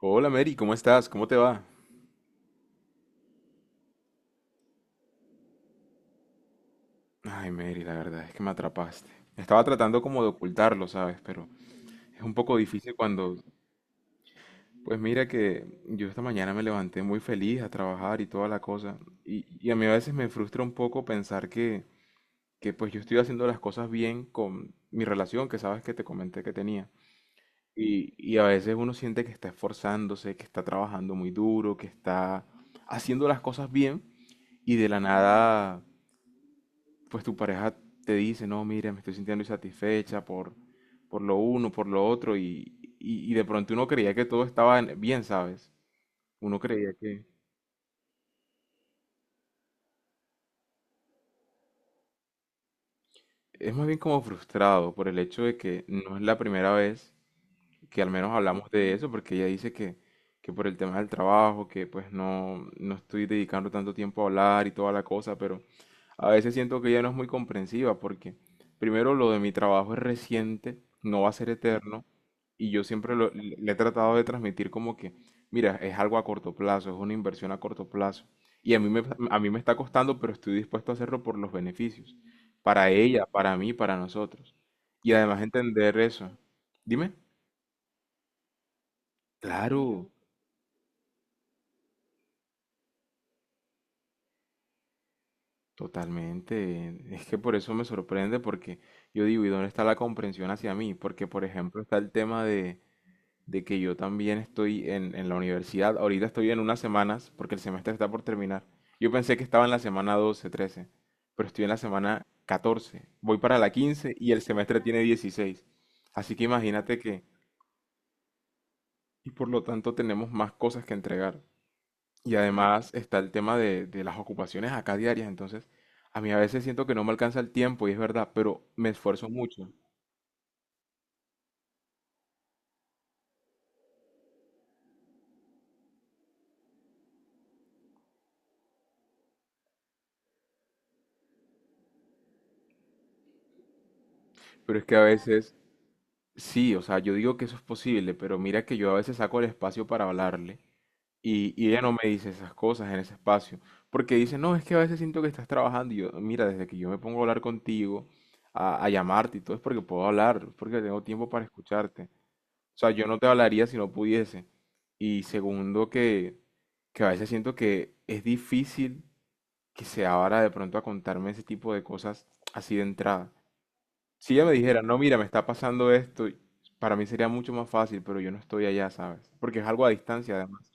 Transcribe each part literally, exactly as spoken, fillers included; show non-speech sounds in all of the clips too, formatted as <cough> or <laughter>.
Hola Mary, ¿cómo estás? ¿Cómo te va? Ay Mary, la verdad es que me atrapaste. Estaba tratando como de ocultarlo, ¿sabes? Pero es un poco difícil cuando... Pues mira que yo esta mañana me levanté muy feliz a trabajar y toda la cosa. Y, y a mí a veces me frustra un poco pensar que, que pues yo estoy haciendo las cosas bien con mi relación que sabes que te comenté que tenía. Y, y a veces uno siente que está esforzándose, que está trabajando muy duro, que está haciendo las cosas bien y de la nada pues tu pareja te dice, no, mira, me estoy sintiendo insatisfecha por, por lo uno, por lo otro, y, y, y de pronto uno creía que todo estaba en- bien, ¿sabes? Uno creía que es más bien como frustrado por el hecho de que no es la primera vez que al menos hablamos de eso, porque ella dice que, que por el tema del trabajo, que pues no, no estoy dedicando tanto tiempo a hablar y toda la cosa, pero a veces siento que ella no es muy comprensiva, porque primero lo de mi trabajo es reciente, no va a ser eterno, y yo siempre lo- le le he tratado de transmitir como que, mira, es algo a corto plazo, es una inversión a corto plazo, y a mí me, a mí me está costando, pero estoy dispuesto a hacerlo por los beneficios, para ella, para mí, para nosotros. Y además entender eso. Dime. Claro, totalmente. Es que por eso me sorprende, porque yo digo, ¿y dónde está la comprensión hacia mí? Porque, por ejemplo, está el tema de, de que yo también estoy en, en la universidad. Ahorita estoy en unas semanas, porque el semestre está por terminar. Yo pensé que estaba en la semana doce, trece, pero estoy en la semana catorce. Voy para la quince y el semestre tiene dieciséis. Así que imagínate que, y por lo tanto tenemos más cosas que entregar. Y además está el tema de, de las ocupaciones acá diarias, entonces a mí a veces siento que no me alcanza el tiempo y es verdad, pero me esfuerzo mucho. Pero es que a veces, sí, o sea, yo digo que eso es posible, pero mira que yo a veces saco el espacio para hablarle y, y ella no me dice esas cosas en ese espacio, porque dice, no, es que a veces siento que estás trabajando y yo, mira, desde que yo me pongo a hablar contigo, a, a llamarte y todo es porque puedo hablar, es porque tengo tiempo para escucharte. O sea, yo no te hablaría si no pudiese. Y segundo, que, que a veces siento que es difícil que se abra de pronto a contarme ese tipo de cosas así de entrada. Si ella me dijera, no, mira, me está pasando esto, para mí sería mucho más fácil, pero yo no estoy allá, ¿sabes? Porque es algo a distancia, además.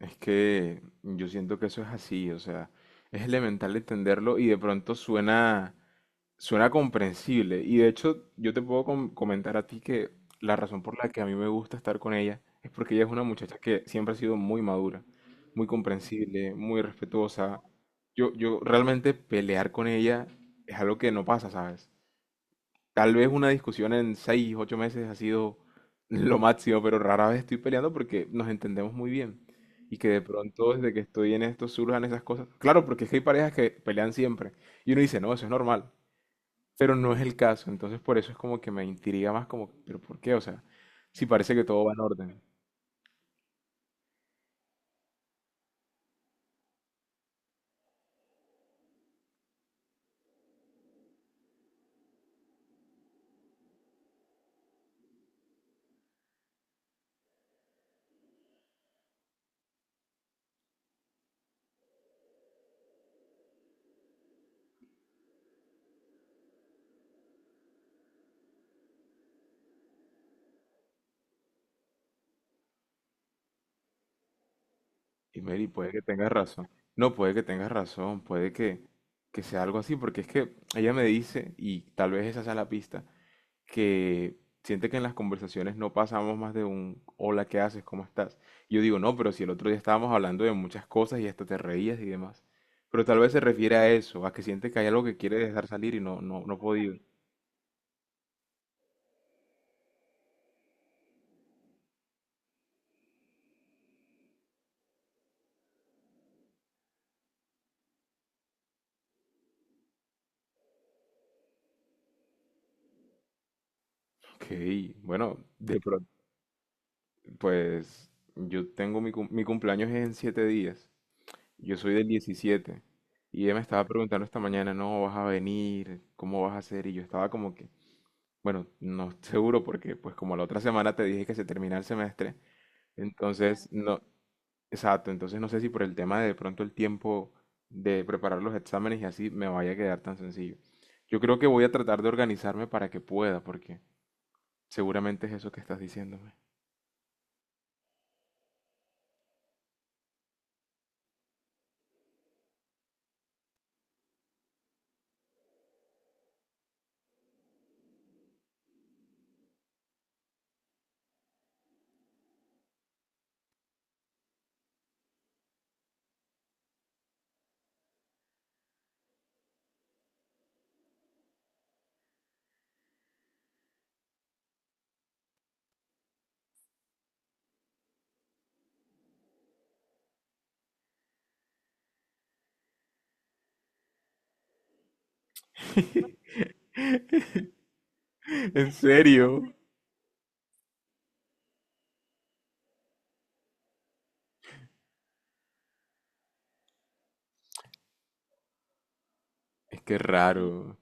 Es que yo siento que eso es así, o sea, es elemental entenderlo y de pronto suena. Suena comprensible y de hecho yo te puedo com- comentar a ti que la razón por la que a mí me gusta estar con ella es porque ella es una muchacha que siempre ha sido muy madura, muy comprensible, muy respetuosa. Yo, yo realmente pelear con ella es algo que no pasa, ¿sabes? Tal vez una discusión en seis, ocho meses ha sido <laughs> lo máximo, pero rara vez estoy peleando porque nos entendemos muy bien. Y que de pronto desde que estoy en esto surjan esas cosas. Claro, porque es que hay parejas que pelean siempre. Y uno dice, no, eso es normal, pero no es el caso, entonces por eso es como que me intriga más como, pero ¿por qué? O sea, si parece que todo va en orden. Y Mary, puede que tengas razón. No, puede que tengas razón, puede que, que sea algo así, porque es que ella me dice, y tal vez esa sea la pista, que siente que en las conversaciones no pasamos más de un hola, ¿qué haces? ¿Cómo estás? Y yo digo, no, pero si el otro día estábamos hablando de muchas cosas y hasta te reías y demás. Pero tal vez se refiere a eso, a que siente que hay algo que quiere dejar salir y no, no, no ha podido. Ok, bueno, de pronto. Pues yo tengo mi, cum- mi cumpleaños es en siete días. Yo soy del diecisiete. Y ella me estaba preguntando esta mañana, no, vas a venir, ¿cómo vas a hacer? Y yo estaba como que, bueno, no <laughs> seguro porque pues como la otra semana te dije que se termina el semestre, entonces no, exacto, entonces no sé si por el tema de, de pronto el tiempo de preparar los exámenes y así me vaya a quedar tan sencillo. Yo creo que voy a tratar de organizarme para que pueda, porque seguramente es eso que estás diciéndome. <laughs> ¿En serio? Es que raro.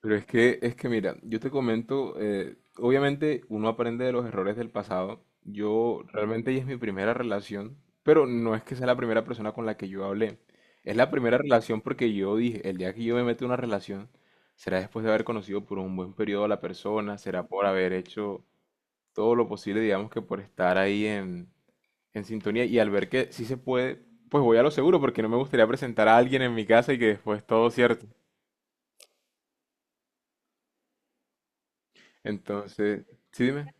Pero es que, es que mira, yo te comento, eh, obviamente uno aprende de los errores del pasado. Yo realmente ella es mi primera relación, pero no es que sea la primera persona con la que yo hablé. Es la primera relación porque yo dije, el día que yo me meto en una relación, será después de haber conocido por un buen periodo a la persona, será por haber hecho todo lo posible, digamos que por estar ahí en, en sintonía y al ver que sí se puede, pues voy a lo seguro porque no me gustaría presentar a alguien en mi casa y que después todo cierto. Entonces, sí, dime.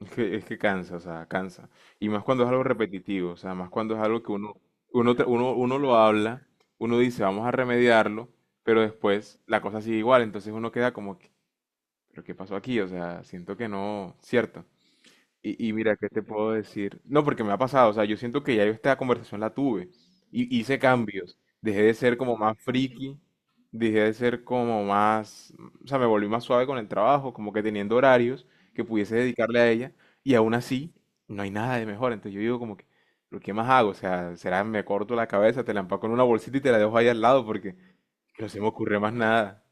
Es que, es que cansa, o sea, cansa. Y más cuando es algo repetitivo, o sea, más cuando es algo que uno, uno, tra- uno, uno lo habla, uno dice, vamos a remediarlo, pero después la cosa sigue igual, entonces uno queda como, que, ¿pero qué pasó aquí? O sea, siento que no, cierto. Y, y mira, ¿qué te puedo decir? No, porque me ha pasado, o sea, yo siento que ya yo esta conversación la tuve. Y hice cambios. Dejé de ser como más friki, dejé de ser como más, o sea, me volví más suave con el trabajo, como que teniendo horarios que pudiese dedicarle a ella. Y aún así, no hay nada de mejor. Entonces yo digo como que, ¿pero qué más hago? O sea, será me corto la cabeza, te la empaco en una bolsita y te la dejo ahí al lado porque no se me ocurre más nada.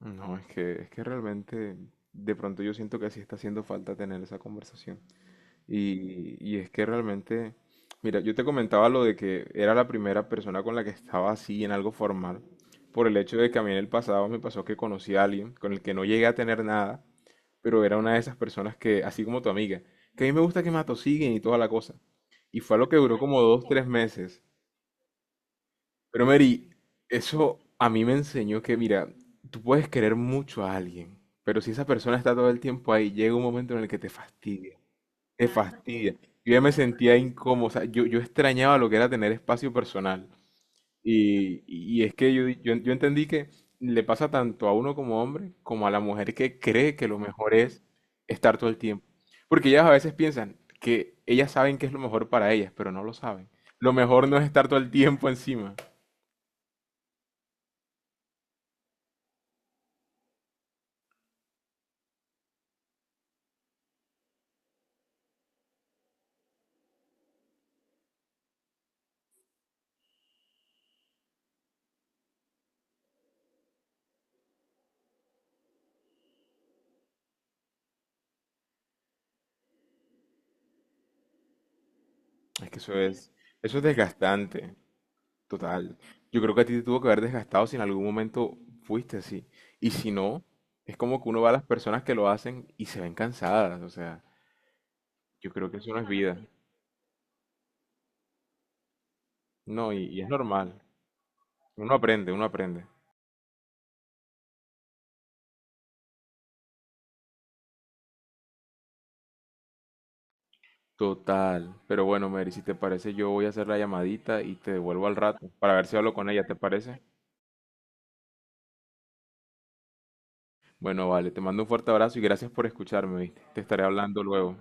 No, es que, es que realmente, de pronto yo siento que sí está haciendo falta tener esa conversación. Y, y es que realmente, mira, yo te comentaba lo de que era la primera persona con la que estaba así en algo formal, por el hecho de que a mí en el pasado me pasó que conocí a alguien con el que no llegué a tener nada, pero era una de esas personas que, así como tu amiga, que a mí me gusta que me atosiguen y toda la cosa. Y fue algo que duró como dos, tres meses. Pero Mary, eso a mí me enseñó que, mira, tú puedes querer mucho a alguien, pero si esa persona está todo el tiempo ahí, llega un momento en el que te fastidia. Te fastidia. Yo ya me sentía incómodo, o sea, yo, yo extrañaba lo que era tener espacio personal. Y, y es que yo, di- yo, yo entendí que le pasa tanto a uno como hombre como a la mujer que cree que lo mejor es estar todo el tiempo. Porque ellas a veces piensan que ellas saben qué es lo mejor para ellas, pero no lo saben. Lo mejor no es estar todo el tiempo encima. Es que eso es, eso es desgastante. Total. Yo creo que a ti te tuvo que haber desgastado si en algún momento fuiste así. Y si no, es como que uno va a las personas que lo hacen y se ven cansadas. O sea, yo creo que eso no es vida. No, y, y es normal. Uno aprende, uno aprende. Total. Pero bueno, Mary, si te parece, yo voy a hacer la llamadita y te devuelvo al rato para ver si hablo con ella, ¿te parece? Bueno, vale, te mando un fuerte abrazo y gracias por escucharme, ¿viste? Te estaré hablando luego.